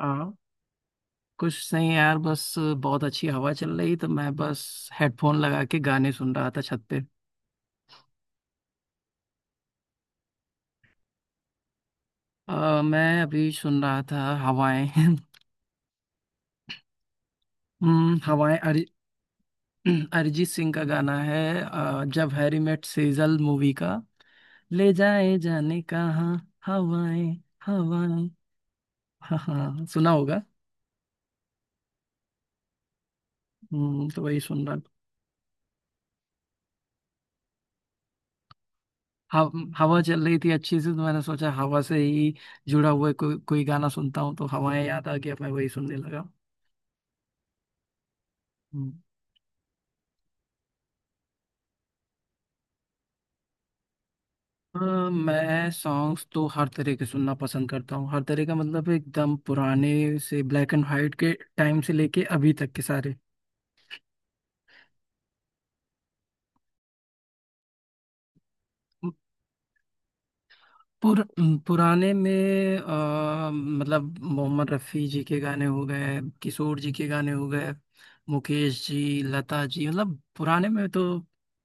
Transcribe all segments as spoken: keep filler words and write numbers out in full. हाँ, कुछ नहीं यार, बस बहुत अच्छी हवा चल रही तो मैं बस हेडफोन लगा के गाने सुन रहा था छत पे। अ, मैं अभी सुन रहा था हवाएं। हम्म, हवाएं। अरि, अरिजीत सिंह का गाना है, अ, Jab Harry met Sejal movie का। ले जाए जाने कहाँ, हवाएं, हवाएं। हाँ हाँ, सुना होगा। हम्म, तो वही सुन रहा था। हव, हवा चल रही थी अच्छी से तो मैंने सोचा हवा से ही जुड़ा हुआ कोई कोई गाना सुनता हूँ तो हवाएं याद आ गया, मैं वही सुनने लगा। हम्म। अ, मैं सॉन्ग्स तो हर तरह के सुनना पसंद करता हूँ, हर तरह का मतलब एकदम पुराने से ब्लैक एंड वाइट के टाइम से लेके अभी तक के सारे। पुर, पुराने में अ, मतलब मोहम्मद रफ़ी जी के गाने हो गए, किशोर जी के गाने हो गए, मुकेश जी, लता जी, मतलब पुराने में तो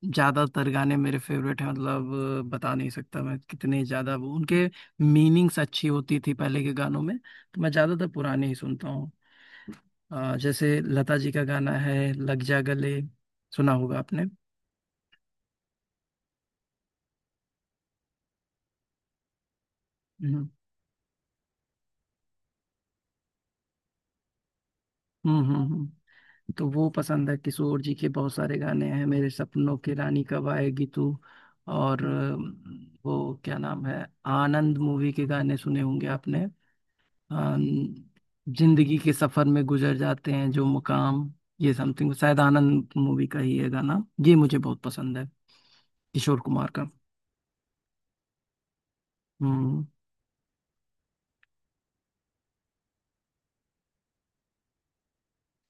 ज़्यादातर गाने मेरे फेवरेट हैं, मतलब अ, बता नहीं सकता मैं कितने ज़्यादा वो उनके मीनिंग्स अच्छी होती थी पहले के गानों में, तो मैं ज़्यादातर पुराने ही सुनता हूँ। अ, जैसे लता जी का गाना है, लग जा गले। सुना होगा आपने। हम्म, हम्म, हम्म, हम्म। तो वो पसंद है। किशोर जी के बहुत सारे गाने हैं, मेरे सपनों की रानी कब आएगी तू, और अ, वो क्या नाम है, आनंद मूवी के गाने सुने होंगे आपने। अम, जिंदगी के सफर में गुजर जाते हैं जो मुकाम, ये समथिंग शायद आनंद मूवी का ही है गाना, ये मुझे बहुत पसंद है, किशोर कुमार का। हम्म।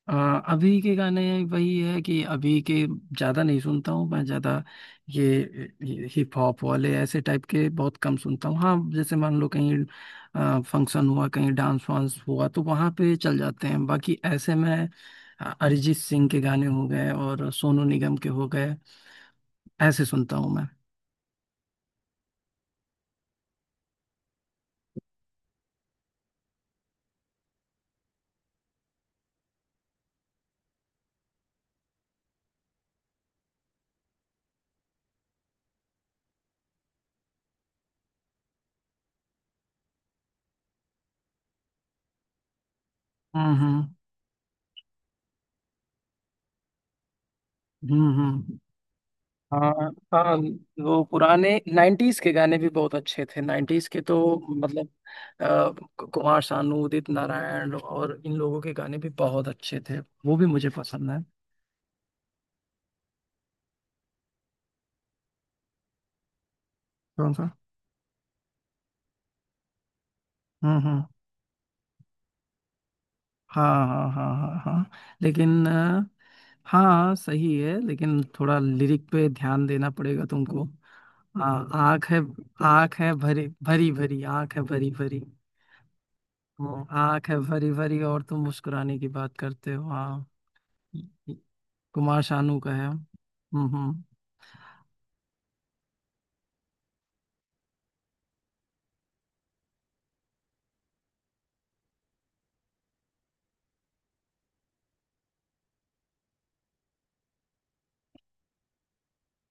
अ, अभी के गाने, वही है कि अभी के ज़्यादा नहीं सुनता हूँ मैं ज़्यादा, ये, ये हिप हॉप वाले ऐसे टाइप के बहुत कम सुनता हूँ, हाँ। जैसे मान लो कहीं फंक्शन हुआ, कहीं डांस वांस हुआ, तो वहाँ पे चल जाते हैं, बाकी ऐसे मैं अ, अरिजीत सिंह के गाने हो गए और सोनू निगम के हो गए, ऐसे सुनता हूँ मैं। हम्म, हम्म, हम्म, हम्म, हाँ हाँ। वो पुराने नाइंटीज़ के गाने भी बहुत अच्छे थे, नाइंटीज़ के तो, मतलब अ, कुमार सानू, उदित नारायण और इन लोगों के गाने भी बहुत अच्छे थे। वो भी मुझे पसंद है। कौन सा? हम्म, हम्म, हाँ हाँ हाँ हाँ हाँ। लेकिन अ, हाँ, सही है, लेकिन थोड़ा लिरिक पे ध्यान देना पड़ेगा तुमको। हाँ, आँख है। आँख है भरी भरी, भरी आँख है भरी भरी। हाँ, आँख है भरी भरी और तुम मुस्कुराने की बात करते हो। हाँ, कुमार शानू का है। हम्म, हम्म।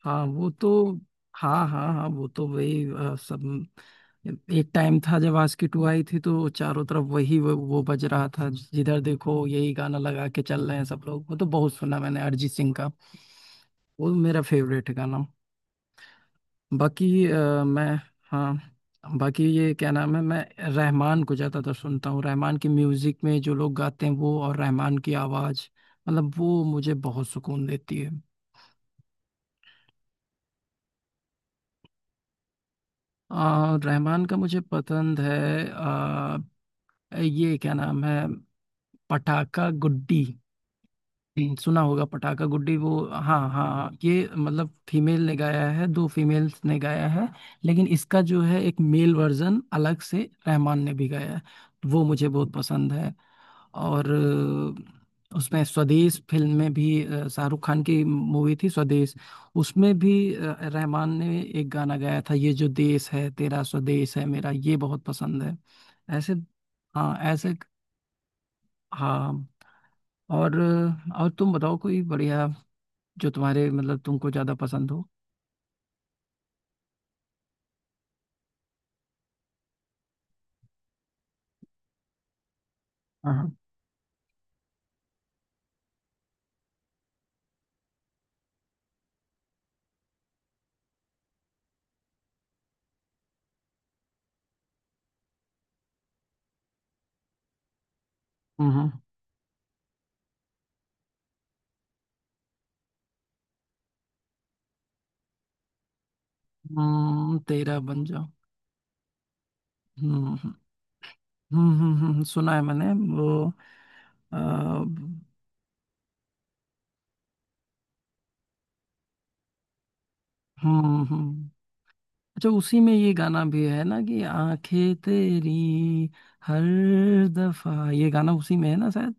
हाँ, वो तो, हाँ हाँ हाँ, वो तो वही अ, सब। एक टाइम था जब आस्की टू आई थी, तो चारों तरफ वही वो, वो बज रहा था, जिधर देखो यही गाना लगा के चल रहे हैं सब लोग, वो तो बहुत सुना मैंने अरिजीत सिंह का। वो मेरा फेवरेट है गाना। बाकी अ, मैं, हाँ, बाकी ये क्या नाम है, मैं रहमान को ज़्यादातर सुनता हूँ, रहमान की म्यूज़िक में जो लोग गाते हैं वो, और रहमान की आवाज़ मतलब वो मुझे बहुत सुकून देती है। आ, रहमान का मुझे पसंद है। आ, ये क्या नाम है, पटाखा गुड्डी। हम्म, सुना होगा, पटाखा गुड्डी, वो। हाँ हाँ, ये मतलब फीमेल ने गाया है, दो फीमेल्स ने गाया है। लेकिन इसका जो है एक मेल वर्जन अलग से रहमान ने भी गाया है, वो मुझे बहुत पसंद है। और अ, उसमें स्वदेश फिल्म में भी, अ, शाहरुख खान की मूवी थी स्वदेश, उसमें भी अ, रहमान ने एक गाना गाया था, ये जो देश है तेरा स्वदेश है मेरा, ये बहुत पसंद है। ऐसे, हाँ ऐसे। हाँ, और अ, और तुम बताओ कोई बढ़िया जो तुम्हारे मतलब तुमको ज्यादा पसंद हो। हाँ, हम्म, हम्म, तेरा बन जाओ। हम्म, हम्म, हम्म, हम्म, हम्म, सुना है मैंने। वो, अ, हम्म, हम्म। अच्छा, उसी में ये गाना भी है ना कि आंखें तेरी हर दफा, ये गाना उसी में है ना शायद।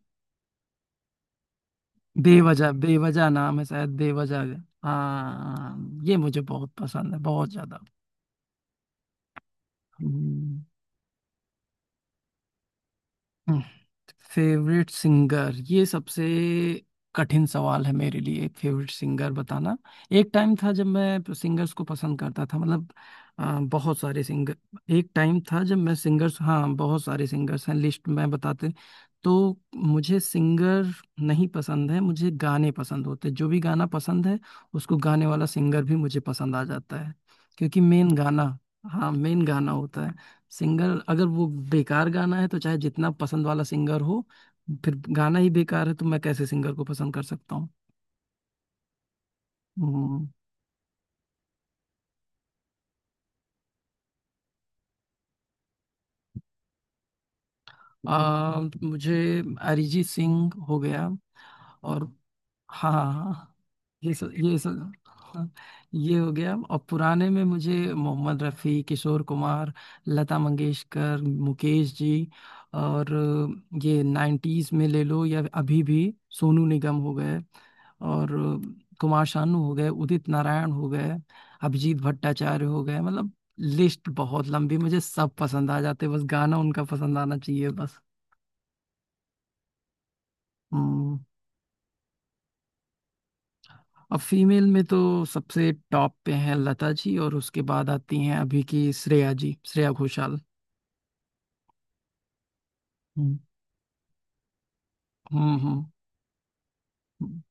बेवजह, बेवजह नाम है शायद, बेवजह। हाँ, ये मुझे बहुत पसंद है, बहुत ज्यादा। हम्म, फेवरेट सिंगर, ये सबसे कठिन सवाल है मेरे लिए, एक फेवरेट सिंगर बताना। एक टाइम था जब मैं सिंगर्स को पसंद करता था, मतलब अ, बहुत सारे सिंगर। एक टाइम था जब मैं सिंगर्स, हाँ, बहुत सारे सिंगर्स हैं लिस्ट में, बताते। तो मुझे सिंगर नहीं पसंद है, मुझे गाने पसंद होते हैं। जो भी गाना पसंद है, उसको गाने वाला सिंगर भी मुझे पसंद आ जाता है, क्योंकि मेन गाना, हाँ, मेन गाना होता है। सिंगर, अगर वो बेकार गाना है तो चाहे जितना पसंद वाला सिंगर हो, फिर गाना ही बेकार है, तो मैं कैसे सिंगर को पसंद कर सकता हूँ? हम्म, आ, मुझे अरिजीत सिंह हो गया, और हाँ हाँ हाँ, ये सब, ये सब, हाँ, ये हो गया। और पुराने में मुझे मोहम्मद रफ़ी, किशोर कुमार, लता मंगेशकर, मुकेश जी, और ये नाइन्टीज़ में ले लो या अभी भी, सोनू निगम हो गए, और कुमार शानू हो गए, उदित नारायण हो गए, अभिजीत भट्टाचार्य हो गए, मतलब लिस्ट बहुत लंबी, मुझे सब पसंद आ जाते, बस गाना उनका पसंद आना चाहिए बस। हम्म। अब फीमेल में तो सबसे टॉप पे हैं लता जी, और उसके बाद आती हैं अभी की श्रेया जी, श्रेया घोषाल। हम्म, हम्म, हम्म, हम्म,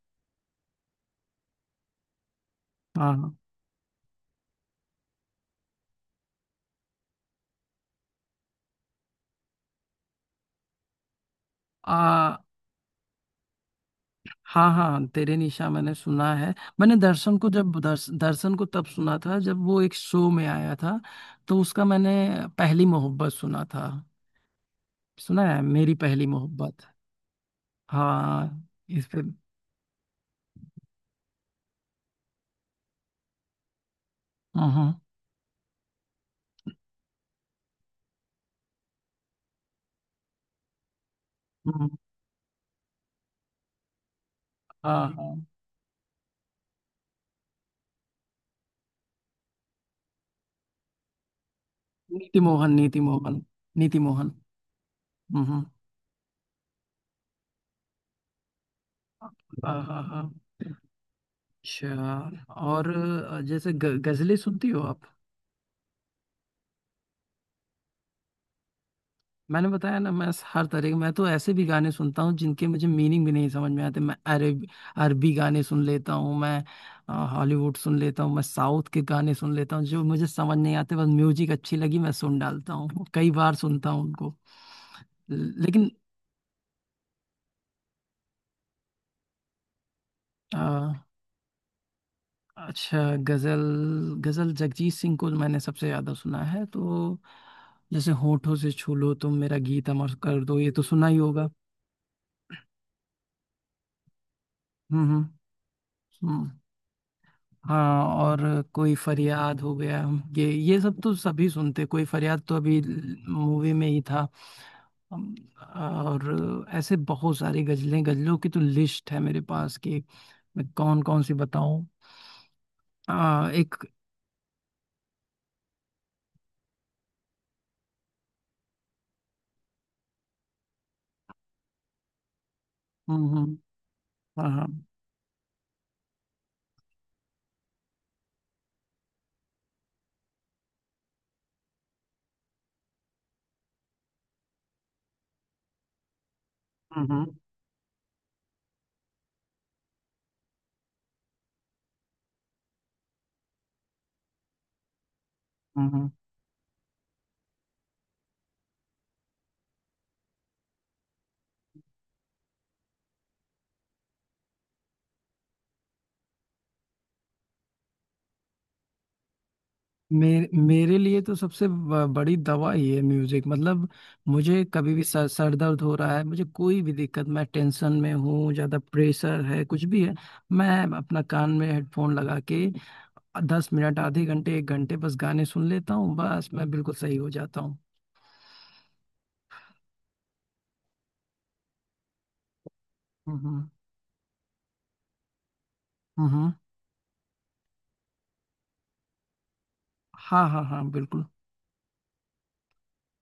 हाँ हाँ, आ हाँ हाँ, तेरे निशा मैंने सुना है। मैंने दर्शन को, जब दर्श, दर्शन को तब सुना था जब वो एक शो में आया था। तो उसका मैंने पहली मोहब्बत सुना था। सुना है, मेरी पहली मोहब्बत। हाँ, इस पे। हम्म, हम्म, हम्म, हाँ हाँ। नीति मोहन, नीति मोहन, नीति मोहन। हम्म, हम्म, हाँ हाँ हाँ। अच्छा, और अ, जैसे ग, गजलें सुनती हो आप? मैंने बताया ना, मैं हर तरह के, मैं तो ऐसे भी गाने सुनता हूँ जिनके मुझे मीनिंग भी नहीं समझ में आते, मैं अरब अरबी गाने सुन लेता हूँ मैं। अ, हॉलीवुड सुन लेता हूँ, मैं साउथ के गाने सुन लेता हूँ जो मुझे समझ नहीं आते, बस म्यूजिक अच्छी लगी, मैं सुन डालता हूँ, कई बार सुनता हूँ उनको। ल- लेकिन अच्छा, गजल, गजल जगजीत सिंह को मैंने सबसे ज्यादा सुना है, तो जैसे होठों से छू लो तुम मेरा गीत अमर कर दो, ये तो सुना ही होगा। हम्म, हम्म, हम्म। हाँ, और कोई फरियाद हो गया, ये ये सब तो सभी सुनते, कोई फरियाद तो अभी मूवी में ही था। अम, और ऐसे बहुत सारी गजलें, गजलों की तो लिस्ट है मेरे पास कि मैं कौन कौन सी बताऊं। आ, एक, हम्म, हम्म, हाँ हाँ, हम्म, हम्म, हम्म, हम्म। मेरे मेरे लिए तो सबसे ब- बड़ी दवा ही है म्यूजिक, मतलब मुझे कभी भी सर सर दर्द हो रहा है, मुझे कोई भी दिक्कत, मैं टेंशन में हूँ, ज्यादा प्रेशर है, कुछ भी है, मैं अपना कान में हेडफोन लगा के दस मिनट, आधे घंटे, एक घंटे बस गाने सुन लेता हूँ, बस मैं बिल्कुल सही हो जाता हूँ। हम्म, हम्म, हम्म, हाँ हाँ हाँ बिल्कुल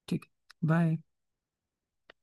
ठीक। बाय।